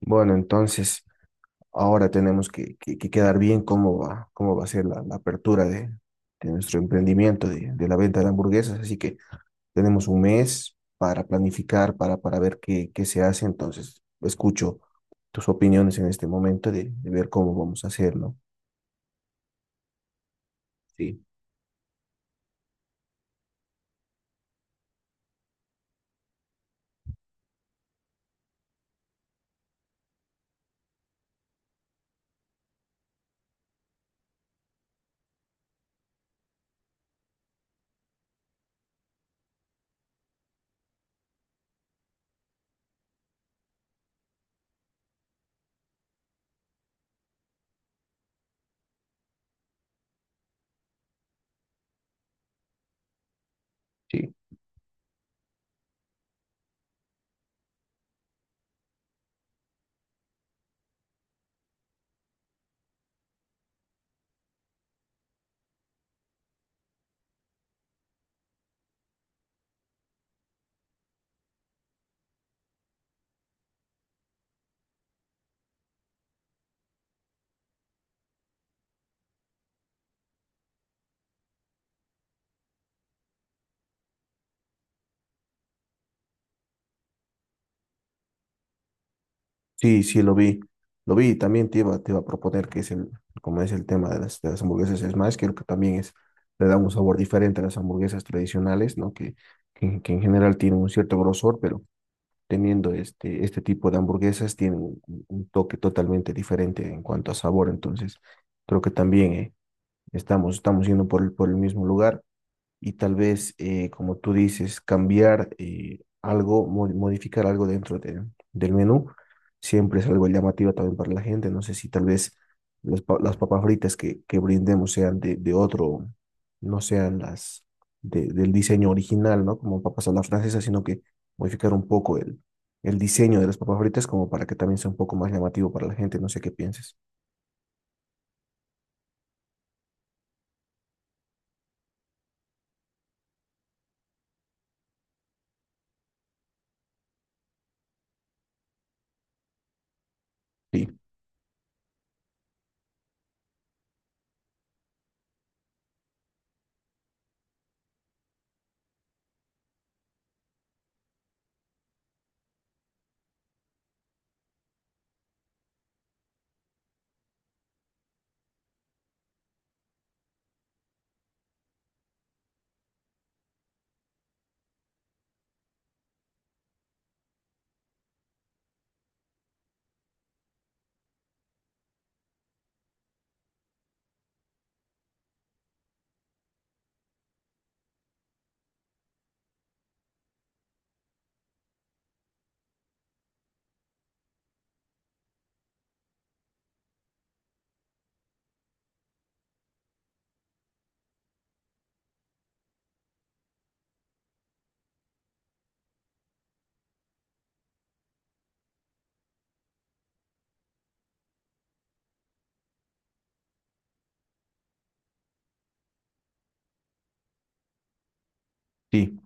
Bueno, entonces ahora tenemos que quedar bien cómo va a ser la apertura de nuestro emprendimiento de la venta de hamburguesas. Así que tenemos un mes para planificar, para ver qué se hace. Entonces, escucho tus opiniones en este momento de ver cómo vamos a hacer, ¿no? Sí, sí. Sí, sí, lo vi. Lo vi, también te iba a proponer que es el, como es el tema de las hamburguesas, es más, creo que también es, le da un sabor diferente a las hamburguesas tradicionales, ¿no? Que en general tienen un cierto grosor, pero teniendo este tipo de hamburguesas tienen un toque totalmente diferente en cuanto a sabor, entonces creo que también estamos yendo por el mismo lugar y tal vez, como tú dices, cambiar algo, modificar algo del menú, siempre es algo llamativo también para la gente. No sé si tal vez las papas fritas que brindemos sean de otro, no sean las del diseño original, ¿no? Como papas a la francesa, sino que modificar un poco el diseño de las papas fritas como para que también sea un poco más llamativo para la gente. No sé qué pienses. Sí, sí,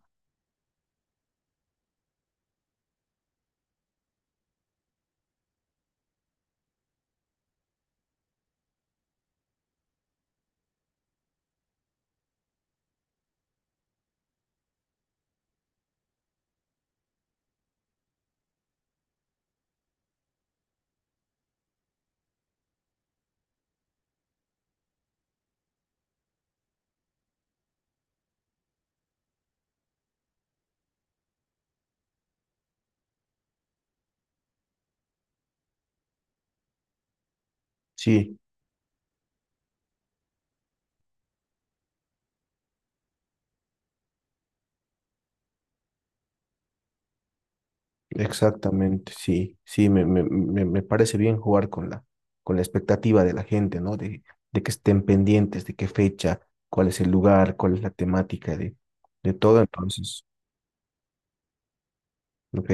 sí. Exactamente, sí, sí, me parece bien jugar con la expectativa de la gente, ¿no? De que estén pendientes, de qué fecha, cuál es el lugar, cuál es la temática de todo. Entonces, ok,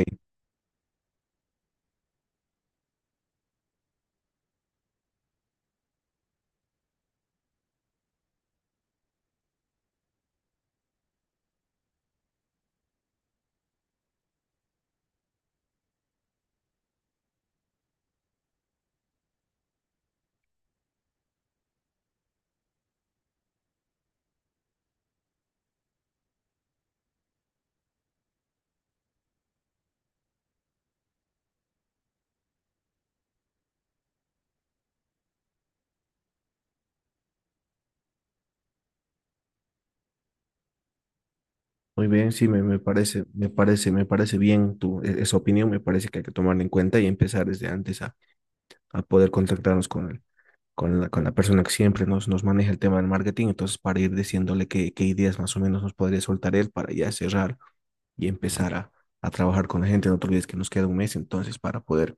muy bien, sí, me parece bien tu, esa opinión, me parece que hay que tomarla en cuenta y empezar desde antes a poder contactarnos con el, con la persona que siempre nos maneja el tema del marketing, entonces para ir diciéndole qué, qué ideas más o menos nos podría soltar él para ya cerrar y empezar a trabajar con la gente. No te olvides que nos queda un mes entonces para poder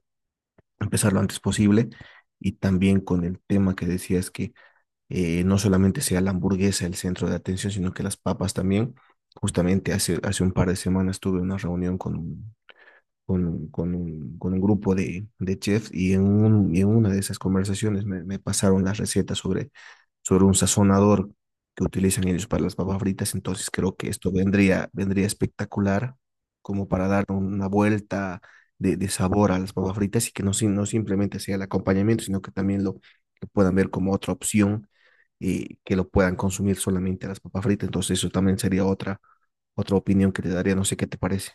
empezar lo antes posible y también con el tema que decías que no solamente sea la hamburguesa el centro de atención, sino que las papas también. Justamente hace un par de semanas tuve una reunión con un, con un grupo de chefs y en, y en una de esas conversaciones me pasaron las recetas sobre sobre un sazonador que utilizan ellos para las papas fritas, entonces creo que esto vendría espectacular como para dar una vuelta de, sabor a las papas fritas y que no, no simplemente sea el acompañamiento, sino que también lo que puedan ver como otra opción y que lo puedan consumir solamente a las papas fritas, entonces eso también sería otra, otra opinión que te daría, no sé qué te parece.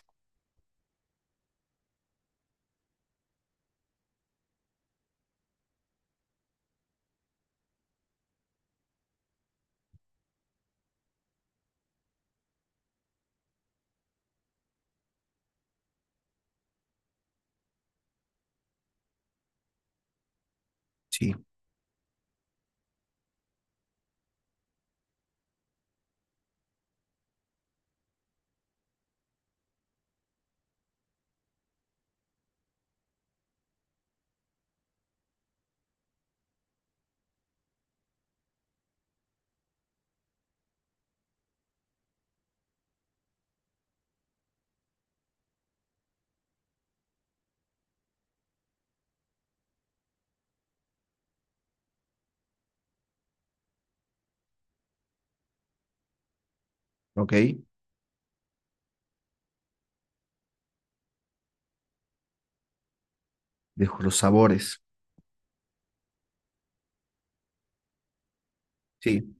Sí, ok, dejo los sabores, sí,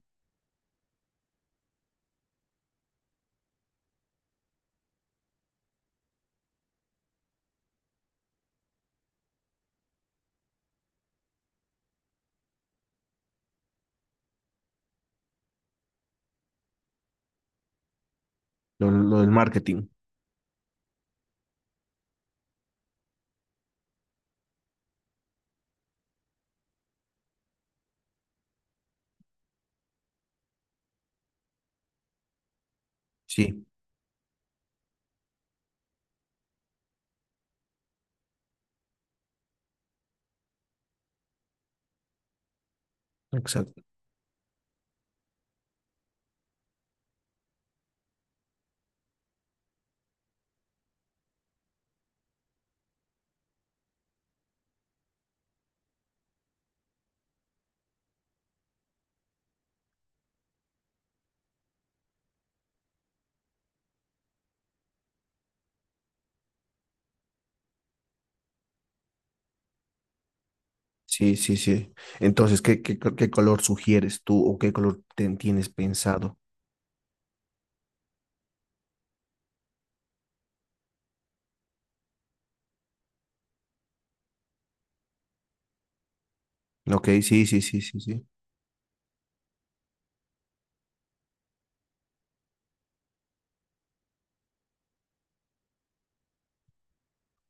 lo del marketing, sí, exacto. Sí, sí, sí. Entonces, ¿ qué color sugieres tú o qué color tienes pensado? Ok, sí, sí, sí, sí, sí.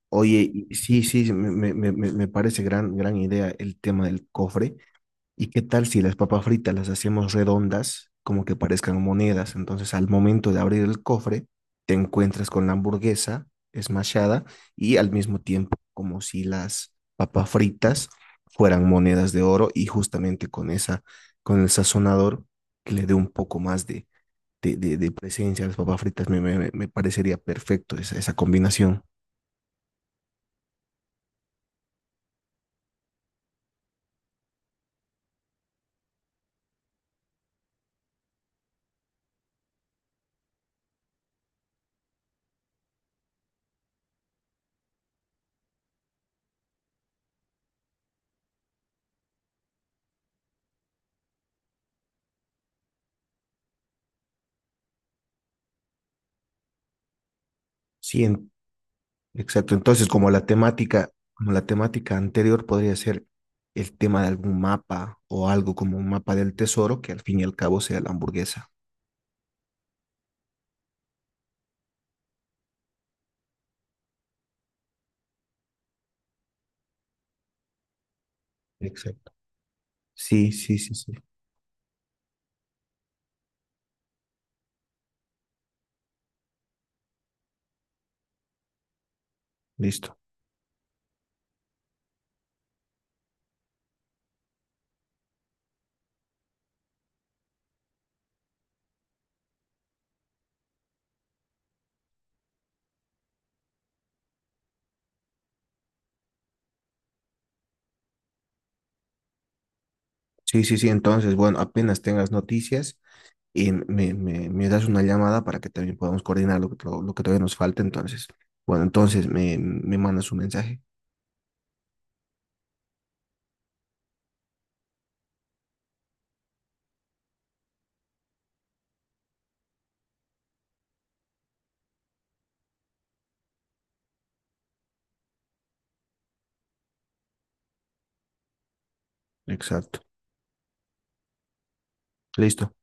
Oye, sí, sí, sí, me parece gran, gran idea el tema del cofre. ¿Y qué tal si las papas fritas las hacemos redondas, como que parezcan monedas? Entonces, al momento de abrir el cofre, te encuentras con la hamburguesa smashada y al mismo tiempo como si las papas fritas fueran monedas de oro y justamente con esa, con el sazonador que le dé un poco más de, de presencia a las papas fritas, parecería perfecto esa, esa combinación. Sí, en- Exacto. Entonces, como la temática anterior podría ser el tema de algún mapa o algo como un mapa del tesoro, que al fin y al cabo sea la hamburguesa. Exacto. Sí, sí, sí, sí. Listo. Sí, sí, sí. Entonces, bueno, apenas tengas noticias y me das una llamada para que también podamos coordinar lo que, lo que todavía nos falta. Entonces, bueno, entonces me mandas un mensaje. Exacto. Listo.